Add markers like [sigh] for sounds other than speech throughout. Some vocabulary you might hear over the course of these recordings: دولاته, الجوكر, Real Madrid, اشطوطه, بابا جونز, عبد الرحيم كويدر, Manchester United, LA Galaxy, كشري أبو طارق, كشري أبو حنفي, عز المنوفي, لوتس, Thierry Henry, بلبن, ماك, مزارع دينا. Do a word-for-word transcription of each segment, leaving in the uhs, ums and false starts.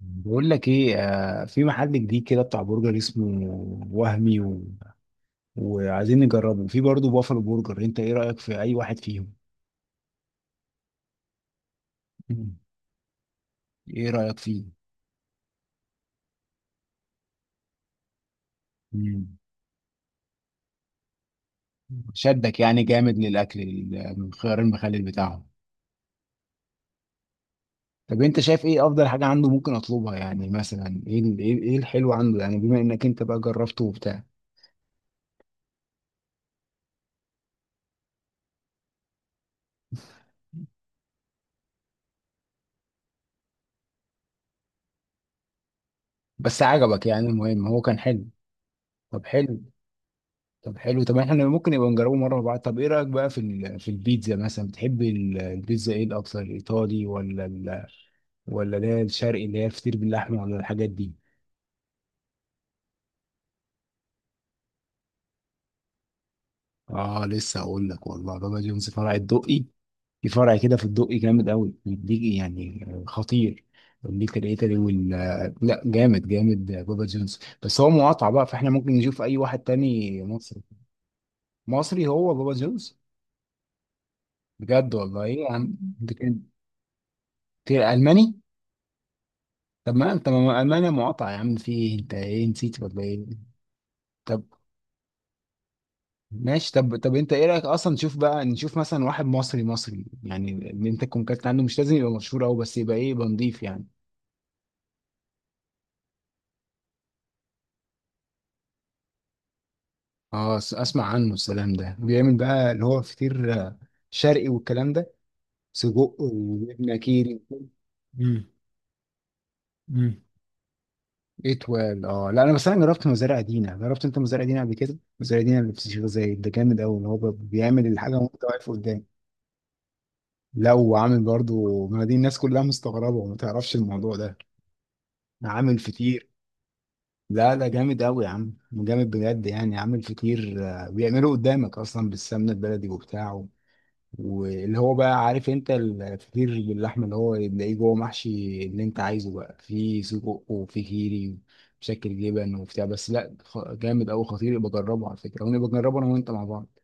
بقول لك ايه، آه في محل جديد كده بتاع برجر اسمه وهمي و... وعايزين نجربه، في برضه بافلو برجر. انت ايه رأيك في اي واحد فيهم؟ مم. ايه رأيك فيه؟ مم. شدك يعني جامد للاكل، ال- من خيار المخلل بتاعهم؟ طب انت شايف ايه افضل حاجة عنده ممكن اطلبها؟ يعني مثلا ايه ال- ايه إيه الحلو عنده، يعني بما انك انت بقى جربته وبتاع. بس عجبك يعني، المهم هو كان حلو. طب حلو. طب حلو، طب احنا ممكن نبقى نجربه مره مع بعض. طب ايه رايك بقى في ال- في البيتزا مثلا؟ بتحب ال- البيتزا ايه الاكثر، الايطالي ولا ال... ولا اللي هي الشرقي، اللي هي الفطير باللحمه ولا الحاجات دي؟ اه لسه اقول لك، والله بابا جونز فرع الدقي. في فرع كده في الدقي جامد قوي، بيديك يعني خطير. بيديك الايطالي وال، لا جامد جامد بابا جونز، بس هو مقاطعه بقى فاحنا ممكن نشوف اي واحد تاني مصري. مصري هو بابا جونز؟ بجد والله؟ ايه يا عم، ده كان- ده الماني؟ طب ما انت ما ما انا مقاطع يا عم، في ايه، انت ايه نسيت ولا ايه؟ طب ماشي. طب طب انت ايه رايك اصلا نشوف بقى، نشوف مثلا واحد مصري مصري، يعني اللي انت تكون كاتب عنه مش لازم يبقى مشهور قوي، بس يبقى ايه، يبقى نضيف يعني. اه س- اسمع عنه، السلام ده بيعمل بقى اللي هو فطير، آه، شرقي والكلام ده، سجق وجبنه كيري وكده. امم امم اتوال، اه لا انا بس انا جربت مزارع دينا. جربت انت مزارع دينا قبل كده؟ مزارع دينا اللي في الشيخ زايد ده جامد قوي، اللي هو بيعمل الحاجه وانت واقف قدام. لا وعامل برضو، ما دي الناس كلها مستغربة وما تعرفش الموضوع ده. عامل فطير. لا لا جامد قوي يا عم، جامد بجد يعني. عامل فطير، آه، بيعمله قدامك اصلا بالسمنة البلدي وبتاعه. واللي هو بقى عارف انت الفطير باللحمة اللي هو بتلاقيه جوه محشي، اللي انت عايزه بقى فيه سجق وفيه كيري بشكل جبن وبتاع. بس لا خ- جامد قوي خطير، يبقى جربه على فكرة ونبقى نجربه انا وانت مع بعض.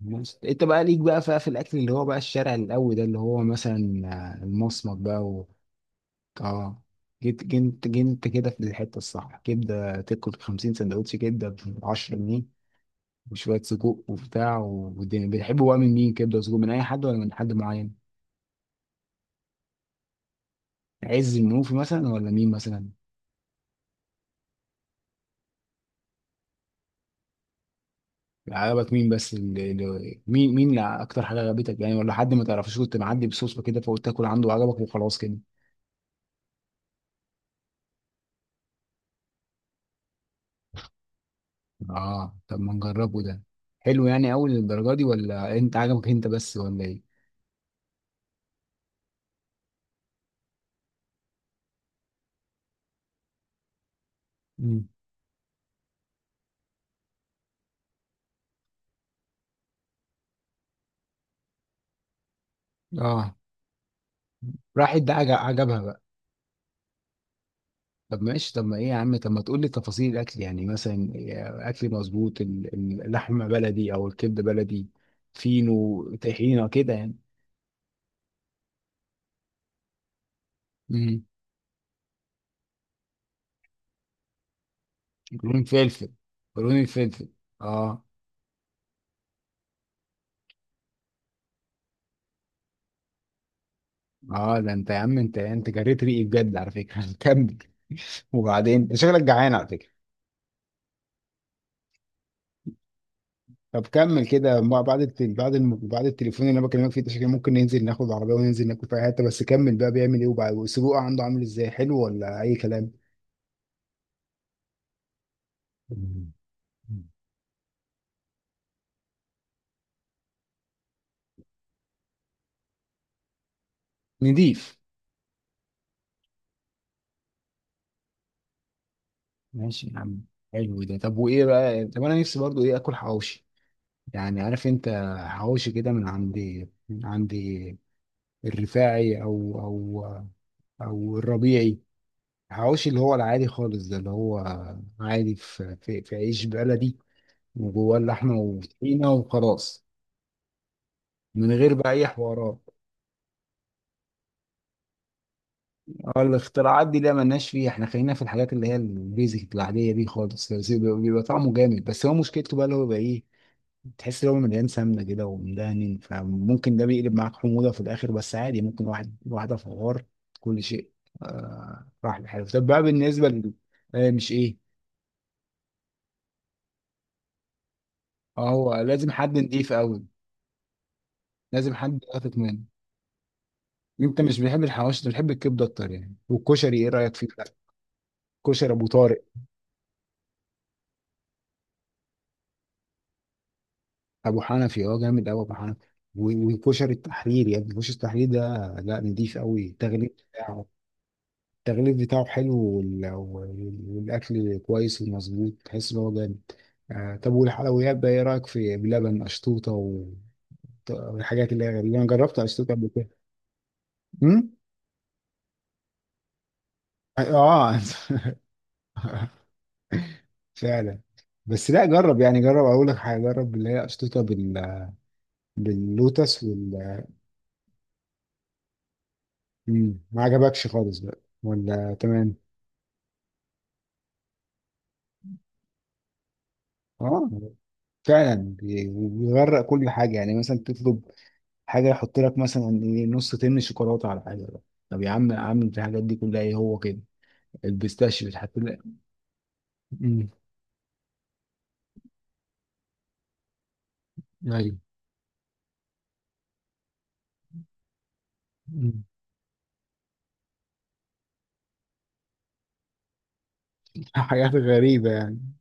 بس انت بقى ليك بقى في في الاكل اللي هو بقى الشارع القوي ده، اللي هو مثلا آه، المصمت بقى. اه جيت جنت جنت كده في الحته الصح، كبده تاكل خمسين سندوتش كبده ب عشر جنيه وشويه سجق وبتاع، والدنيا بيحبوا بقى من مين؟ كبده وسجق من اي حد ولا من حد معين؟ عز المنوفي مثلا ولا مين مثلا؟ عجبك مين بس، اللي اللي- مين مين اللي اكتر حاجه عجبتك يعني؟ ولا حد ما تعرفش، كنت معدي بصوصه كده فقلت تاكل عنده وعجبك وخلاص كده. اه طب ما نجربه ده. حلو يعني اول للدرجه دي، ولا انت عجبك انت بس ولا ايه؟ مم. اه راحت ده، عجب- عجبها بقى. طب ماشي. طب ما ايه يا عم، طب ما تقول لي تفاصيل الاكل يعني مثلا. اكل مظبوط، ال- ال- اللحمه بلدي او الكبده بلدي، فينو طحينه كده يعني. امم قولون فلفل قولون الفلفل. اه. اه ده انت يا عم، انت انت جريت ريقي بجد على فكره [laughs] كمل. وبعدين انت شكلك جعان على فكره. طب كمل كده، ما- بعد الت- بعد الم- بعد التليفون اللي انا بكلمك فيه ده، شكلي ممكن ننزل ناخد العربيه وننزل ناكل في حته. بس كمل بقى، بيعمل ايه وبعد، والسجق عنده عامل ازاي، حلو ولا اي كلام؟ مم. نضيف. ماشي يا عم. حلو ده. طب وايه بقى، طب انا نفسي برضو ايه اكل حواوشي. يعني عارف انت حواوشي كده من عندي من عندي الرفاعي او او او الربيعي. حواوشي اللي هو العادي خالص ده، اللي هو عادي في في, في عيش بلدي وجواه اللحمه وطحينه وخلاص، من غير بقى اي حوارات. اه الاختراعات دي لا ملناش فيها، احنا خلينا في الحاجات اللي هي البيزك العاديه دي خالص، بيبقى بيبقى طعمه جامد. بس هو مشكلته بقى اللي هو بقى ايه، تحس ان هو مليان سمنه كده ومدهن، فممكن ده بيقلب معاك حموضه في الاخر. بس عادي ممكن واحد واحده فوار كل شيء آه راح لحاله. طب بقى بالنسبه ل... آه مش ايه. اه هو لازم حد نضيف قوي، لازم حد واثق منه. انت مش بتحب الحواوشي، انت بتحب الكبده اكتر يعني. والكشري ايه رايك فيه بقى؟ كشري ابو طارق. ابو حنفي، اه جامد قوي ابو حنفي. و- وكشري التحرير يعني، كشري التحرير ده لا نضيف قوي التغليف بتاعه. التغليف بتاعه حلو، وال- وال- والاكل كويس ومظبوط، تحس ان هو جامد. آه طب والحلويات بقى، ايه رايك في بلبن اشطوطه و- والحاجات اللي هي غريبه. انا جربت اشطوطه قبل كده. امم اه. [laughs] فعلا. بس لا جرب، يعني جرب اقول لك حاجه، جرب اللي هي اشطوطه بال باللوتس وال. مم، ما عجبكش خالص بقى ولا تمام؟ اه فعلا، بي- بيغرق كل حاجه يعني، مثلا تطلب حاجه يحط لك مثلا إيه نص تن شوكولاته على حاجه بقى. طب يا عم، يا عم في الحاجات دي كلها ايه، هو كده البيستاشيو بتحط لك. امم ايوه. مم. [laughs] حاجات غريبه يعني.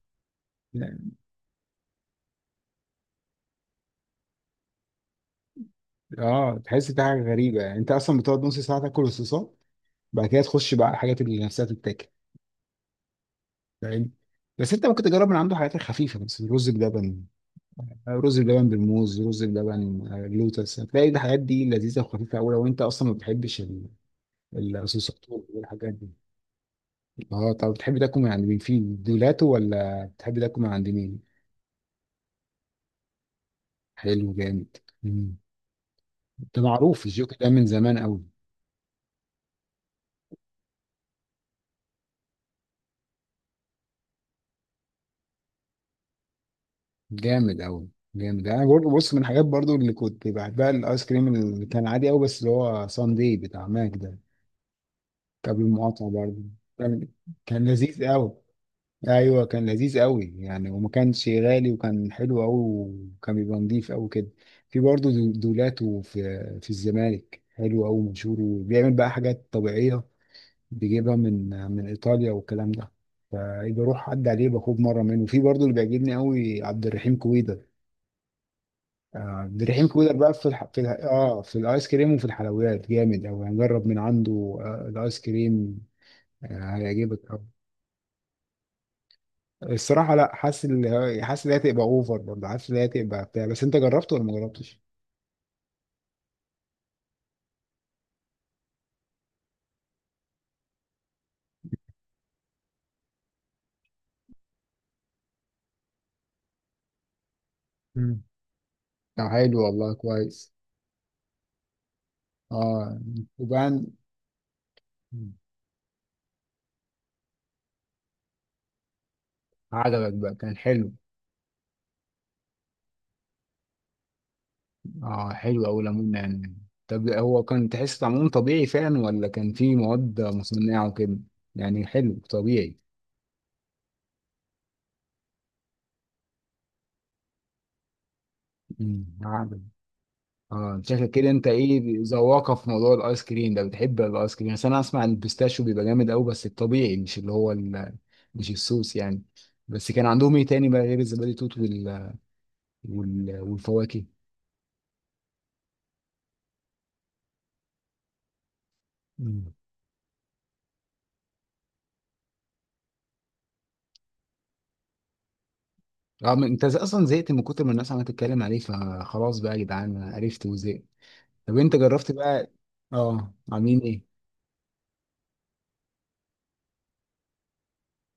اه تحس في حاجه غريبه يعني، انت اصلا بتقعد نص ساعه تاكل الصوصات، بعد كده تخش بقى على الحاجات اللي نفسها تتاكل. فاهم. بس انت ممكن تجرب من عنده حاجات خفيفه بس، رز بلبن. رز بلبن بالموز، رز بلبن آه، لوتس، هتلاقي الحاجات دي لذيذه وخفيفه قوي لو انت اصلا ما بتحبش ال- الصوصات والحاجات دي. اه طب بتحب تاكل من عند مين، في دولاته ولا بتحب تاكل من عند مين؟ حلو جامد. مم. ده معروف الجوكر ده من زمان قوي. جامد قوي. جامد، انا برضه بص من الحاجات برضه اللي كنت بحبها الايس كريم اللي كان عادي قوي، بس اللي هو ساندي بتاع ماك ده قبل المقاطعه برضه. كان كان لذيذ قوي. ايوه كان لذيذ قوي يعني، وما كانش غالي وكان حلو قوي، وكان بيبقى نضيف قوي كده. في برضه دو- دولاته في في الزمالك حلو قوي مشهور، وبيعمل بقى حاجات طبيعيه، بيجيبها من من ايطاليا والكلام ده، فاجي اروح اعدي عليه باخد مره منه. وفي برضه اللي بيعجبني قوي عبد الرحيم كويدر. آه، عبد الرحيم كويدر بقى في الح... في الح... اه في الايس كريم وفي الحلويات جامد قوي، هنجرب من عنده آه الايس كريم. آه هيعجبك قوي. الصراحه لا حاسس ان حاسس ان هي هتبقى اوفر برضه، حاسس ان هي هتبقى بتاع. بس انت جربته ولا ما جربتش؟ مم. طب حلو والله كويس. اه وبان. عجبك بقى، كان حلو. اه حلو أوي ليمون يعني. طب هو كان تحس طعمه طبيعي فعلا، ولا كان فيه مواد مصنعة وكده؟ يعني حلو طبيعي. امم عادي. اه شكلك كده، انت ايه ذواقة في موضوع الايس كريم ده، بتحب الايس كريم. بس انا اسمع ان البيستاشيو بيبقى جامد قوي بس الطبيعي، مش اللي هو ال... مش الصوص يعني. بس كان عندهم ايه تاني بقى غير الزبادي توت وال... وال... والفواكه؟ امم اه. ما انت اصلا زهقت من كتر ما الناس عماله تتكلم عليه، فخلاص بقى يا جدعان، عرفت وزهقت. طب انت جربت بقى؟ اه عاملين ايه.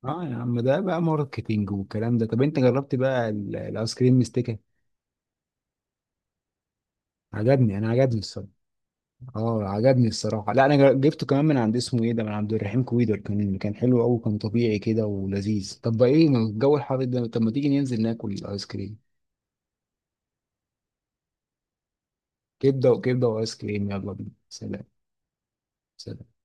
اه يا عم ده بقى ماركتينج والكلام ده. طب انت جربت بقى ال- الايس كريم مستكه؟ عجبني، انا عجبني الصراحه. اه عجبني الصراحه، لا انا جر- جبته كمان من عند اسمه ايه ده، من عبد الرحيم كويدر، كان كان حلو قوي، كان طبيعي كده ولذيذ. طب بقى ايه، ما الجو الحر ده، طب ما تيجي ننزل ناكل الايس كريم. كبده وكبده وايس كريم، يلا بينا. سلام. سلام.